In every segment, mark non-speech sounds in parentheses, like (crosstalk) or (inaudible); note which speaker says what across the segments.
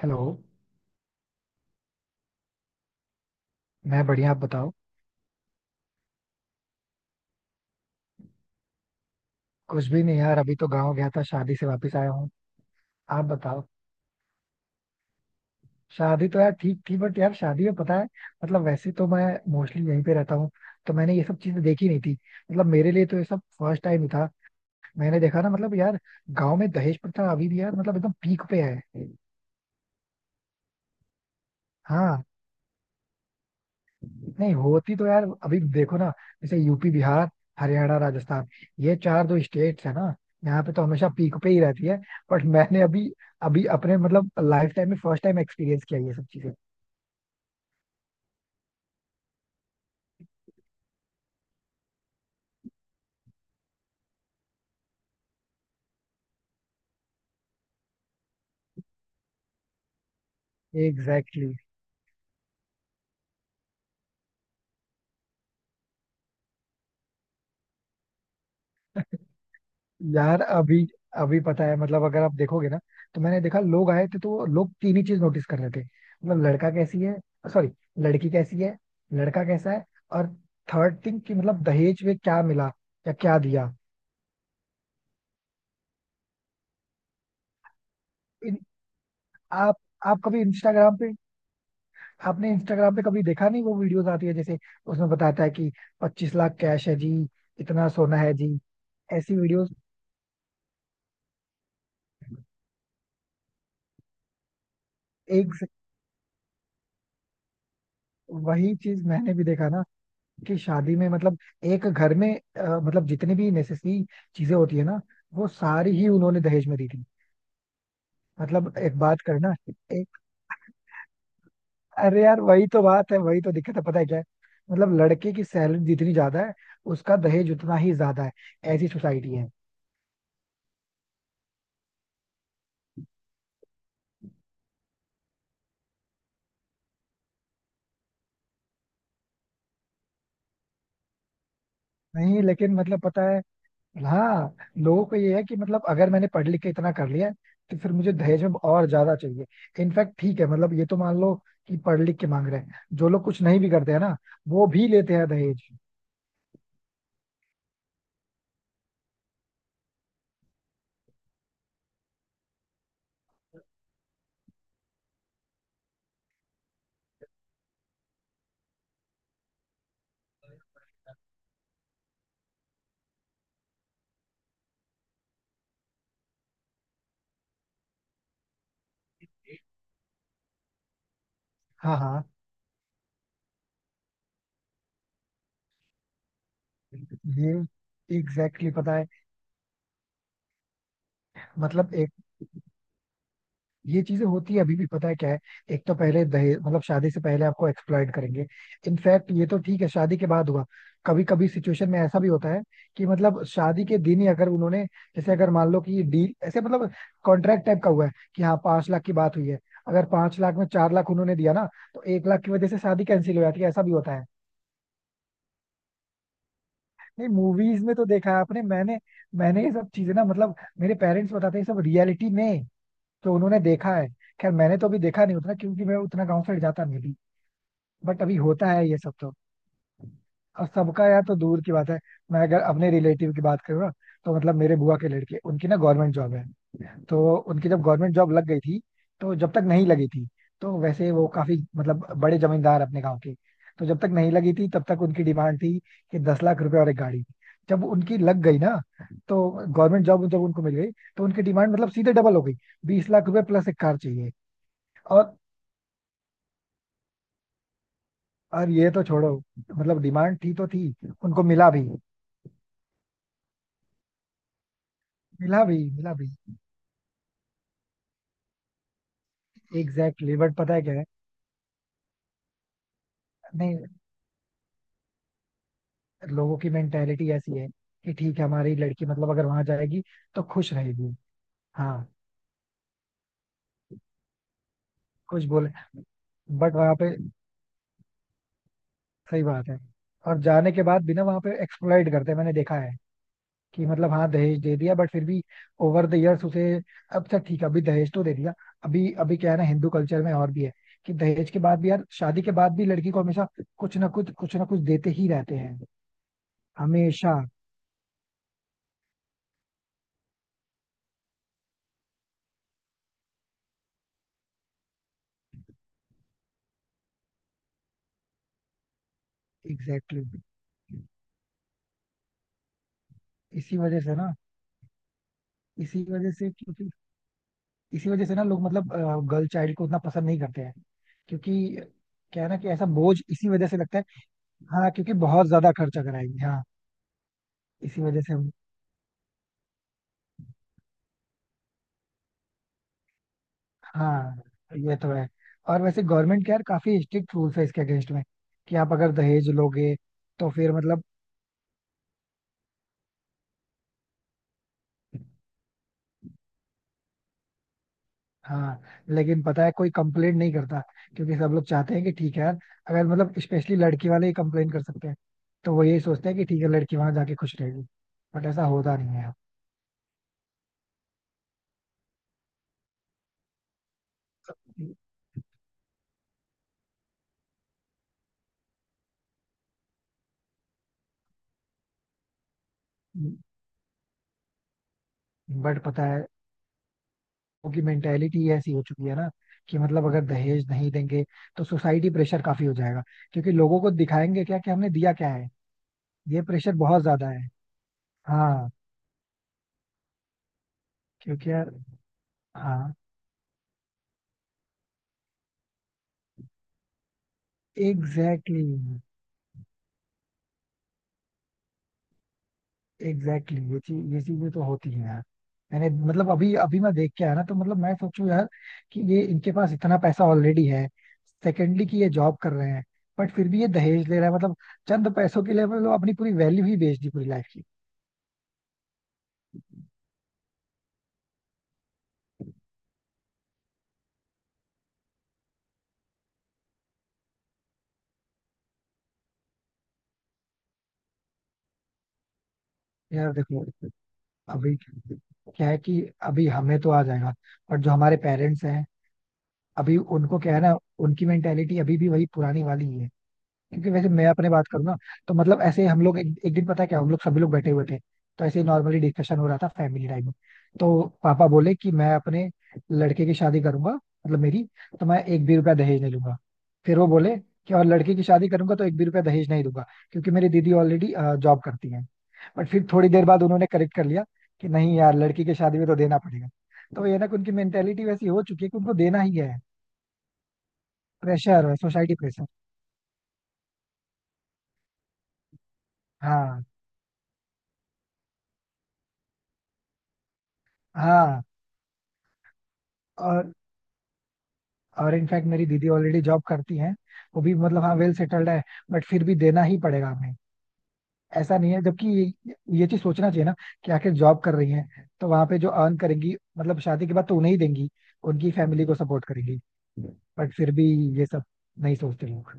Speaker 1: Hello. मैं बढ़िया, आप बताओ. कुछ भी नहीं यार, अभी तो गांव गया था, शादी से वापस आया हूँ. आप बताओ. शादी तो यार ठीक थी, बट यार शादी में पता है, मतलब वैसे तो मैं मोस्टली यहीं पे रहता हूँ, तो मैंने ये सब चीजें देखी नहीं थी. मतलब मेरे लिए तो ये सब फर्स्ट टाइम ही था. मैंने देखा ना मतलब यार, गांव में दहेज प्रथा अभी भी यार मतलब एकदम पीक पे है. हाँ. नहीं होती तो यार, अभी देखो ना, जैसे यूपी, बिहार, हरियाणा, राजस्थान, ये चार जो स्टेट्स है ना, यहाँ पे तो हमेशा पीक पे ही रहती है. बट मैंने अभी अभी अपने मतलब लाइफ टाइम में फर्स्ट टाइम एक्सपीरियंस किया ये सब चीजें. Exactly exactly. यार अभी अभी पता है मतलब अगर आप देखोगे ना, तो मैंने देखा, लोग आए थे तो वो लोग तीन ही चीज नोटिस कर रहे थे, मतलब लड़का कैसी है, सॉरी, लड़की कैसी है, लड़का कैसा है, और थर्ड थिंग कि मतलब दहेज में क्या मिला या क्या दिया. इन, आप आप कभी इंस्टाग्राम पे, आपने इंस्टाग्राम पे कभी देखा नहीं वो वीडियोस आती है, जैसे उसमें बताता है कि 25 लाख कैश है जी, इतना सोना है जी, ऐसी वीडियोस. एक से- वही चीज मैंने भी देखा ना, कि शादी में मतलब एक घर में मतलब जितनी भी नेसेसरी चीजें होती है ना, वो सारी ही उन्होंने दहेज में दी थी. मतलब एक बात करना. एक, अरे यार वही तो बात है, वही तो दिक्कत है. पता है क्या है, मतलब लड़के की सैलरी जितनी ज्यादा है, उसका दहेज उतना ही ज्यादा है. ऐसी सोसाइटी है. नहीं लेकिन मतलब पता है. हाँ. लोगों को ये है कि मतलब अगर मैंने पढ़ लिख के इतना कर लिया है, तो फिर मुझे दहेज में और ज्यादा चाहिए. इनफैक्ट ठीक है, मतलब ये तो मान लो कि पढ़ लिख के मांग रहे हैं, जो लोग कुछ नहीं भी करते हैं ना, वो भी लेते हैं दहेज. हाँ, हाँ. ये एग्जैक्टली exactly, पता है, मतलब एक, ये चीजें होती है अभी भी. पता है क्या है, एक तो पहले दहेज मतलब शादी से पहले आपको एक्सप्लॉइट करेंगे. इनफैक्ट ये तो ठीक है, शादी के बाद हुआ. कभी कभी सिचुएशन में ऐसा भी होता है कि मतलब शादी के दिन ही अगर उन्होंने, जैसे अगर मान लो कि डील ऐसे मतलब कॉन्ट्रैक्ट टाइप का हुआ है कि हाँ 5 लाख की बात हुई है, अगर 5 लाख में 4 लाख उन्होंने दिया ना, तो 1 लाख की वजह से शादी कैंसिल हो जाती है, ऐसा भी होता है. नहीं मूवीज में तो देखा है आपने, मैंने, मैंने ये सब चीजें ना, मतलब मेरे पेरेंट्स बताते हैं ये सब रियलिटी में, तो उन्होंने देखा है. खैर मैंने तो अभी देखा नहीं उतना, क्योंकि मैं उतना गांव साइड जाता नहीं भी. बट अभी होता है ये सब तो. अब सबका यार तो दूर की बात है, मैं अगर अपने रिलेटिव की बात करूँ ना, तो मतलब मेरे बुआ के लड़के उनकी ना गवर्नमेंट जॉब है. तो उनकी जब गवर्नमेंट जॉब लग गई थी, तो जब तक नहीं लगी थी, तो वैसे वो काफी मतलब बड़े जमींदार अपने गाँव के, तो जब तक नहीं लगी थी तब तक उनकी डिमांड थी कि 10 लाख रुपए और एक गाड़ी. जब उनकी लग गई ना, तो गवर्नमेंट जॉब जब उनको मिल गई, तो उनकी डिमांड मतलब सीधे डबल हो गई, 20 लाख रुपए प्लस एक कार चाहिए. और. ये तो छोड़ो, मतलब डिमांड थी तो थी, उनको मिला भी, मिला भी, मिला भी. Exactly exactly. बट पता है क्या है, नहीं, लोगों की मेंटेलिटी ऐसी है कि ठीक है हमारी लड़की मतलब अगर वहां जाएगी तो खुश रहेगी. हाँ. कुछ बोले बट वहां पे, सही बात है, और जाने के बाद भी ना वहां पे एक्सप्लॉइट करते हैं. मैंने देखा है कि मतलब हाँ दहेज दे दिया बट फिर भी ओवर द इयर्स उसे, अब तक ठीक है अभी दहेज तो दे दिया. अभी अभी क्या है ना, हिंदू कल्चर में और भी है कि दहेज के बाद भी यार, शादी के बाद भी लड़की को हमेशा कुछ ना कुछ, कुछ ना कुछ देते ही रहते हैं, हमेशा. Exactly exactly. इसी वजह से ना, इसी वजह से, क्योंकि इसी वजह से ना लोग मतलब गर्ल चाइल्ड को उतना पसंद नहीं करते हैं. क्योंकि क्या है ना, कि ऐसा बोझ इसी वजह से लगता है. हाँ, क्योंकि बहुत ज्यादा खर्चा कराएंगे, हाँ. इसी वजह से, हाँ, ये तो है. और वैसे गवर्नमेंट के यार काफी स्ट्रिक्ट रूल्स है इसके अगेंस्ट में, कि आप अगर दहेज लोगे तो फिर मतलब. हाँ. लेकिन पता है कोई कंप्लेंट नहीं करता, क्योंकि सब लोग चाहते हैं कि ठीक है यार, अगर मतलब स्पेशली लड़की वाले ही कंप्लेंट कर सकते हैं, तो वो यही सोचते हैं कि ठीक है लड़की वहां जाके खुश रहेगी, बट ऐसा होता नहीं है. बट पता है उनकी मेंटेलिटी ऐसी हो चुकी है ना, कि मतलब अगर दहेज नहीं देंगे तो सोसाइटी प्रेशर काफी हो जाएगा, क्योंकि लोगों को दिखाएंगे क्या कि हमने दिया क्या है. ये प्रेशर बहुत ज्यादा है. हाँ, क्योंकि यार, हाँ. एग्जैक्टली exactly, एग्जैक्टली exactly, ये चीज, ये चीजें तो होती हैं यार. मैंने मतलब अभी अभी मैं देख के आया ना, तो मतलब मैं सोचूं यार कि ये इनके पास इतना पैसा ऑलरेडी है, सेकेंडली कि ये जॉब कर रहे हैं, बट फिर भी ये दहेज ले रहा है. मतलब चंद पैसों के लिए मतलब अपनी पूरी वैल्यू ही बेच दी, पूरी लाइफ की. यार देखो, अभी क्या है कि अभी हमें तो आ जाएगा, बट जो हमारे पेरेंट्स हैं, अभी उनको क्या है ना, उनकी मेंटेलिटी अभी भी वही पुरानी वाली ही है. क्योंकि वैसे मैं अपने बात करूँ ना, तो मतलब ऐसे हम लोग एक दिन, पता है क्या, हम लोग सभी लोग बैठे हुए थे, तो ऐसे नॉर्मली डिस्कशन हो रहा था फैमिली टाइम में. तो पापा बोले कि मैं अपने लड़के की शादी करूंगा मतलब, मेरी, तो मैं एक भी रुपया दहेज नहीं लूंगा. फिर वो बोले कि और लड़की की शादी करूंगा तो एक भी रुपया दहेज नहीं दूंगा, क्योंकि मेरी दीदी ऑलरेडी जॉब करती है. बट फिर थोड़ी देर बाद उन्होंने करेक्ट कर लिया कि नहीं यार लड़की की शादी में तो देना पड़ेगा. तो ये ना, कि उनकी मेंटेलिटी वैसी हो चुकी है कि उनको देना ही है. Pressure, society pressure. हाँ. हाँ. और, इनफैक्ट मेरी दीदी ऑलरेडी जॉब करती हैं, वो भी मतलब हाँ वेल सेटल्ड है, बट फिर भी देना ही पड़ेगा हमें. ऐसा नहीं है, जबकि ये चीज सोचना चाहिए ना, कि आखिर जॉब कर रही हैं तो वहां पे जो अर्न करेंगी मतलब शादी के बाद तो उन्हें ही देंगी, उनकी फैमिली को सपोर्ट करेंगी. बट फिर भी ये सब नहीं सोचते लोग.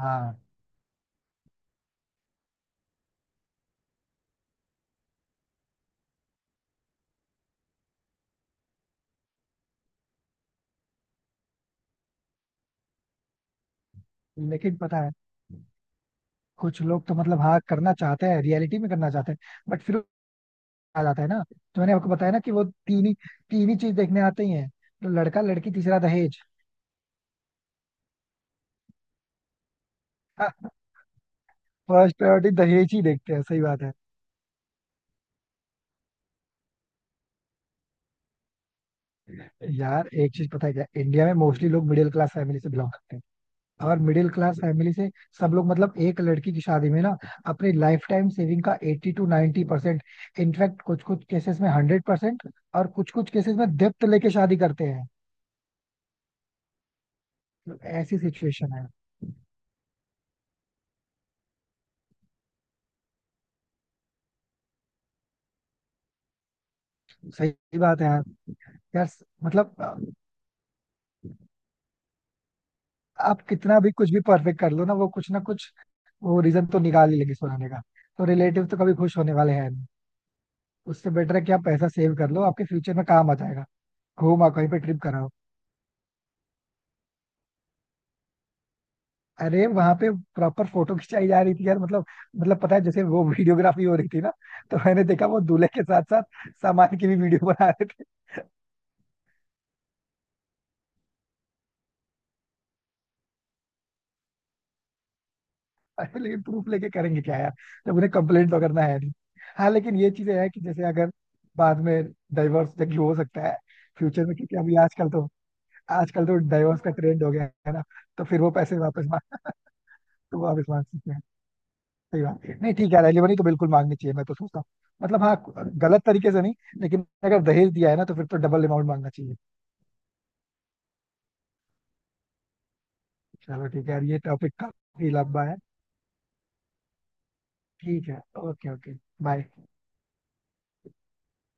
Speaker 1: हाँ. लेकिन पता है, कुछ लोग तो मतलब हाँ करना चाहते हैं, रियलिटी में करना चाहते हैं, बट फिर आ जाता है ना, तो मैंने आपको बताया ना कि वो तीन ही चीज देखने आते ही हैं, तो लड़का, लड़की, तीसरा दहेज. (laughs) फर्स्ट प्रायोरिटी दहेज ही देखते हैं, सही बात है. यार एक चीज पता है क्या, इंडिया में मोस्टली लोग मिडिल क्लास फैमिली से बिलोंग करते हैं, और मिडिल क्लास फैमिली से सब लोग मतलब एक लड़की की शादी में ना अपनी लाइफ टाइम सेविंग का 80 टू 90%, इनफैक्ट कुछ कुछ केसेस में 100%, और कुछ कुछ केसेस में डेप्थ लेके शादी करते हैं. मतलब ऐसी सिचुएशन है. सही बात है यार. यार मतलब आप कितना भी कुछ भी परफेक्ट कर लो ना, वो कुछ ना कुछ, वो रीजन तो निकाल ही लेंगे सुनाने का. तो रिलेटिव तो कभी खुश होने वाले हैं, उससे बेटर है कि आप पैसा सेव कर लो, आपके फ्यूचर में काम आ जाएगा. घूमा, कहीं पे ट्रिप कराओ. अरे वहां पे प्रॉपर फोटो खिंचाई जा रही थी यार, मतलब, मतलब पता है जैसे वो वीडियोग्राफी हो रही थी ना, तो मैंने देखा वो दूल्हे के साथ साथ सामान की भी वीडियो बना रहे थे. (laughs) अरे लेकिन प्रूफ लेके करेंगे क्या यार, जब उन्हें कंप्लेंट तो करना है नहीं. हाँ लेकिन ये चीजें है कि जैसे अगर बाद में डाइवोर्स जबकि हो सकता है फ्यूचर में, क्योंकि अभी आजकल तो, आजकल तो डाइवोर्स का ट्रेंड हो गया है ना, तो फिर वो पैसे वापस मांग. (laughs) तो वापस मांग सकते हैं. सही बात है. नहीं ठीक है, रेलिवरी तो बिल्कुल मांगनी चाहिए, मैं तो सोचता हूँ. मतलब हाँ, गलत तरीके से नहीं, लेकिन अगर दहेज दिया है ना तो फिर तो डबल अमाउंट मांगना चाहिए. चलो ठीक है यार, ये टॉपिक काफी लंबा है. ठीक है, ओके, ओके. बाय.